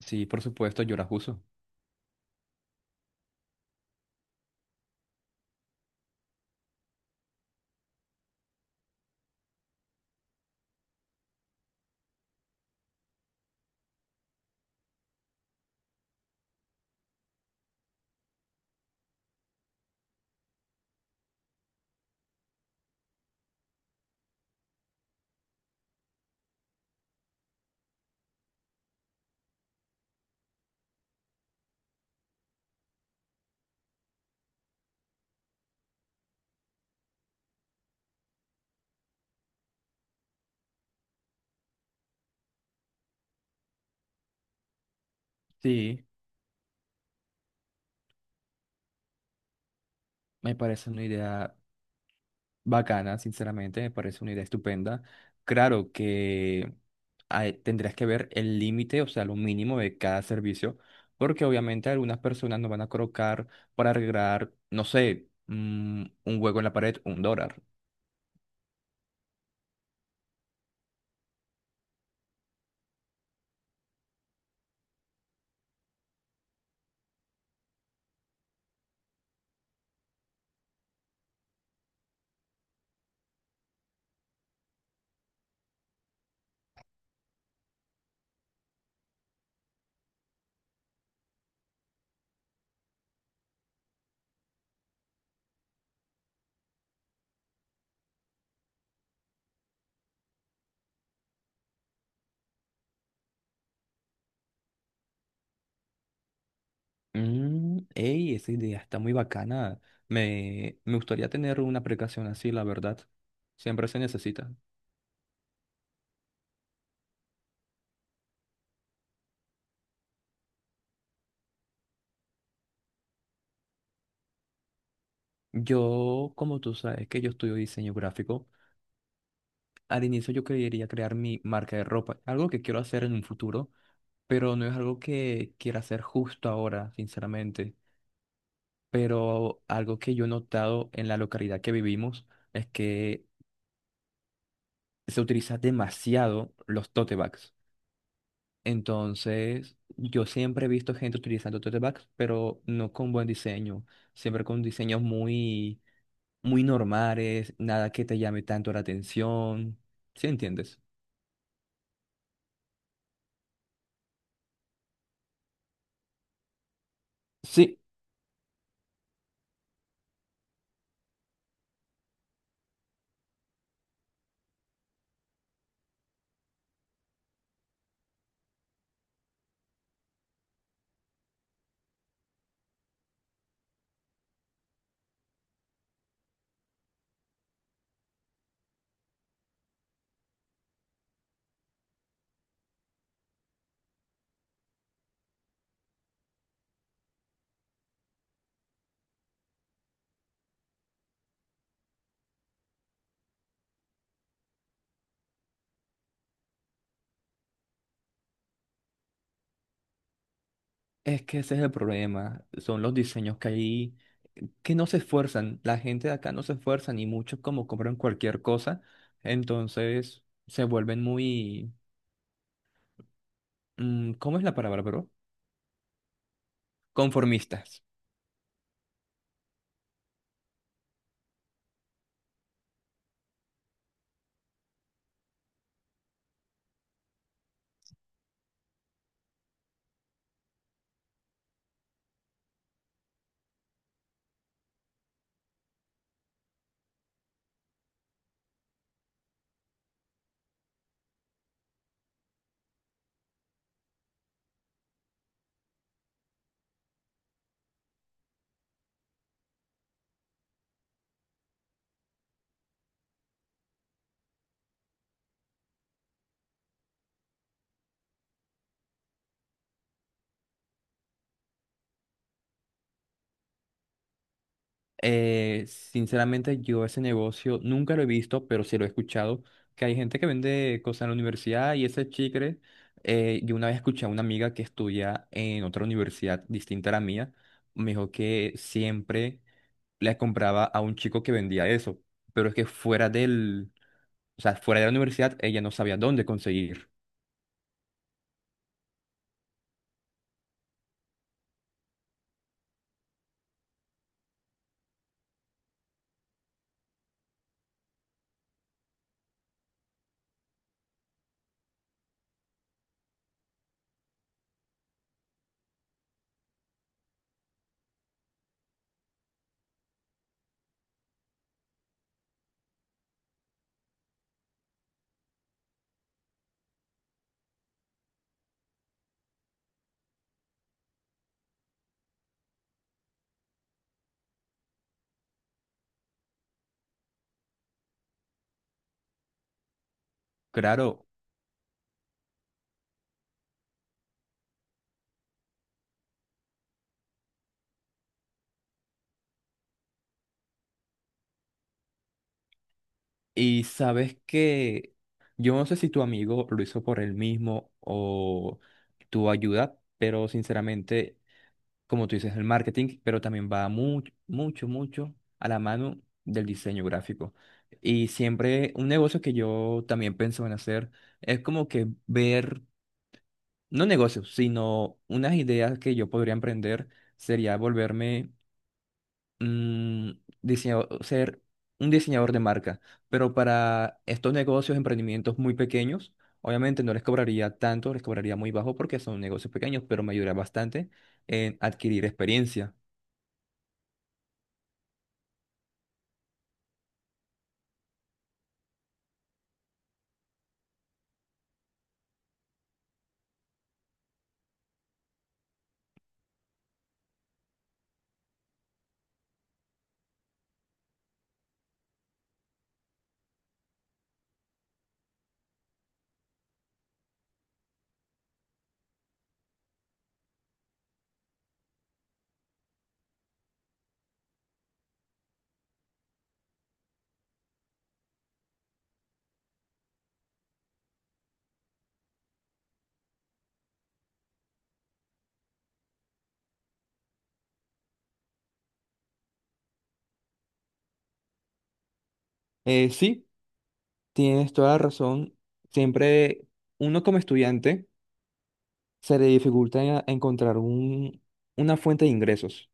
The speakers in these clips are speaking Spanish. Sí, por supuesto, yo las uso. Sí, me parece una idea bacana, sinceramente, me parece una idea estupenda. Claro que tendrías que ver el límite, o sea, lo mínimo de cada servicio, porque obviamente algunas personas no van a colocar para arreglar, no sé, un hueco en la pared, un dólar. Mm, ey, esa idea está muy bacana. Me gustaría tener una aplicación así, la verdad. Siempre se necesita. Yo, como tú sabes que yo estudio diseño gráfico, al inicio yo quería crear mi marca de ropa, algo que quiero hacer en un futuro, pero no es algo que quiera hacer justo ahora, sinceramente. Pero algo que yo he notado en la localidad que vivimos es que se utiliza demasiado los tote bags. Entonces, yo siempre he visto gente utilizando tote bags, pero no con buen diseño, siempre con diseños muy normales, nada que te llame tanto la atención. ¿Sí entiendes? Sí. Es que ese es el problema, son los diseños que hay que no se esfuerzan, la gente de acá no se esfuerzan ni mucho como compran cualquier cosa, entonces se vuelven muy, ¿cómo es la palabra, bro? Conformistas. Sinceramente, yo ese negocio nunca lo he visto, pero sí lo he escuchado, que hay gente que vende cosas en la universidad y ese chicle, yo una vez escuché a una amiga que estudia en otra universidad distinta a la mía, me dijo que siempre le compraba a un chico que vendía eso, pero es que fuera del, o sea, fuera de la universidad ella no sabía dónde conseguir. Claro. Y sabes que yo no sé si tu amigo lo hizo por él mismo o tu ayuda, pero sinceramente, como tú dices, el marketing, pero también va mucho, mucho, mucho a la mano del diseño gráfico. Y siempre un negocio que yo también pienso en hacer es como que ver, no negocios, sino unas ideas que yo podría emprender, sería volverme, mm, ser un diseñador de marca, pero para estos negocios, emprendimientos muy pequeños, obviamente no les cobraría tanto, les cobraría muy bajo porque son negocios pequeños, pero me ayudaría bastante en adquirir experiencia. Sí, tienes toda la razón. Siempre uno como estudiante se le encontrar un, una fuente de ingresos.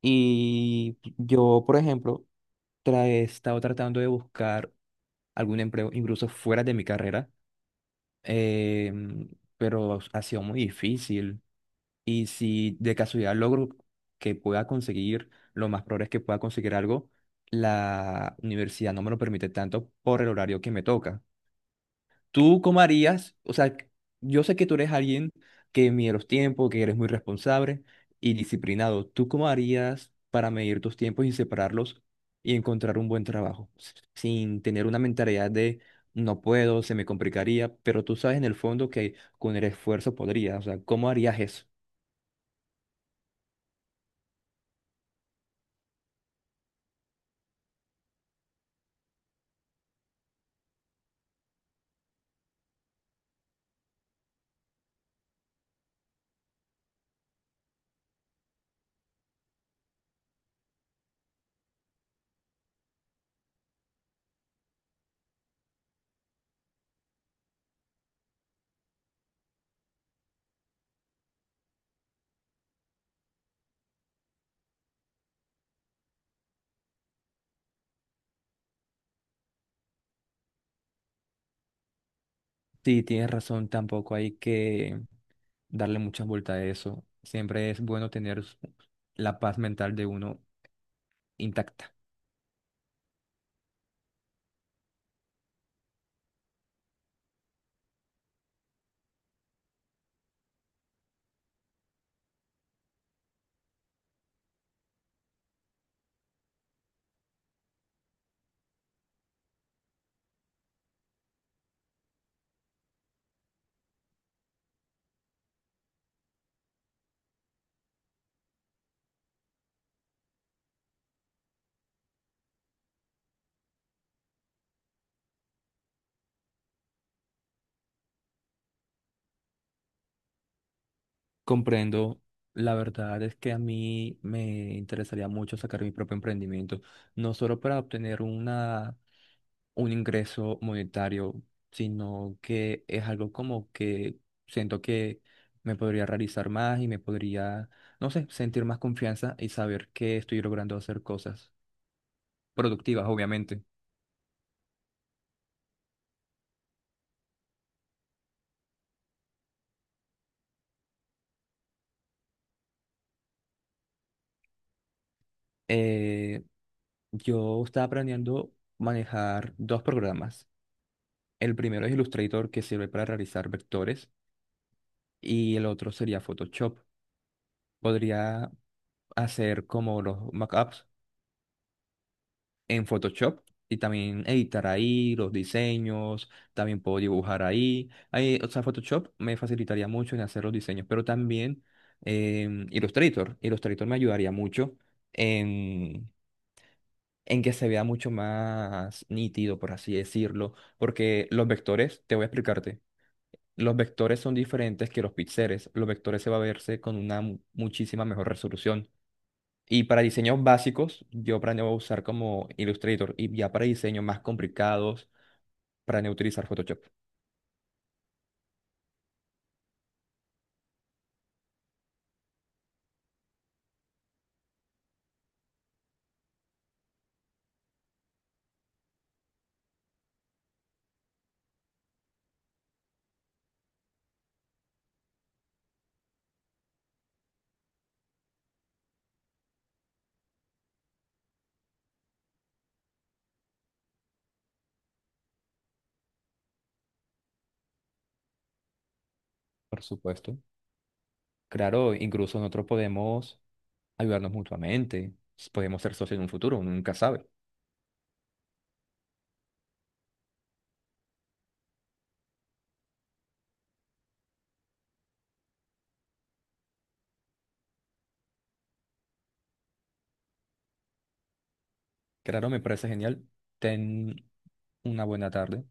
Y yo, por ejemplo, he estado tratando de buscar algún empleo incluso fuera de mi carrera, eh, pero ha sido muy difícil. Y si de casualidad logro que pueda conseguir, lo más probable es que pueda conseguir algo, la universidad no me lo permite tanto por el horario que me toca. ¿Tú cómo harías? O sea, yo sé que tú eres alguien que mide los tiempos, que eres muy responsable y disciplinado. ¿Tú cómo harías para medir tus tiempos y separarlos y encontrar un buen trabajo? Sin tener una mentalidad de no puedo, se me complicaría, pero tú sabes en el fondo que con el esfuerzo podrías. O sea, ¿cómo harías eso? Sí, tienes razón, tampoco hay que darle muchas vueltas a eso. Siempre es bueno tener la paz mental de uno intacta. Comprendo. La verdad es que a mí me interesaría mucho sacar mi propio emprendimiento, no solo para obtener una, un ingreso monetario, sino que es algo como que siento que me podría realizar más y me podría, no sé, sentir más confianza y saber que estoy logrando hacer cosas productivas, obviamente. Eh, yo estaba aprendiendo a manejar dos programas. El primero es Illustrator, que sirve para realizar vectores, y el otro sería Photoshop. Podría hacer como los mockups en Photoshop y también editar ahí los diseños, también puedo dibujar ahí. Ahí, o sea, Photoshop me facilitaría mucho en hacer los diseños, pero también Illustrator. Illustrator me ayudaría mucho en, en que se vea mucho más nítido, por así decirlo, porque los vectores, te voy a explicarte. Los vectores son diferentes que los píxeles. Los vectores se va a verse con una muchísima mejor resolución. Y para diseños básicos, yo planeo usar como Illustrator y ya para diseños más complicados, planeo utilizar Photoshop, por supuesto. Claro, incluso nosotros podemos ayudarnos mutuamente, podemos ser socios en un futuro, uno nunca sabe. Claro, me parece genial. Ten una buena tarde.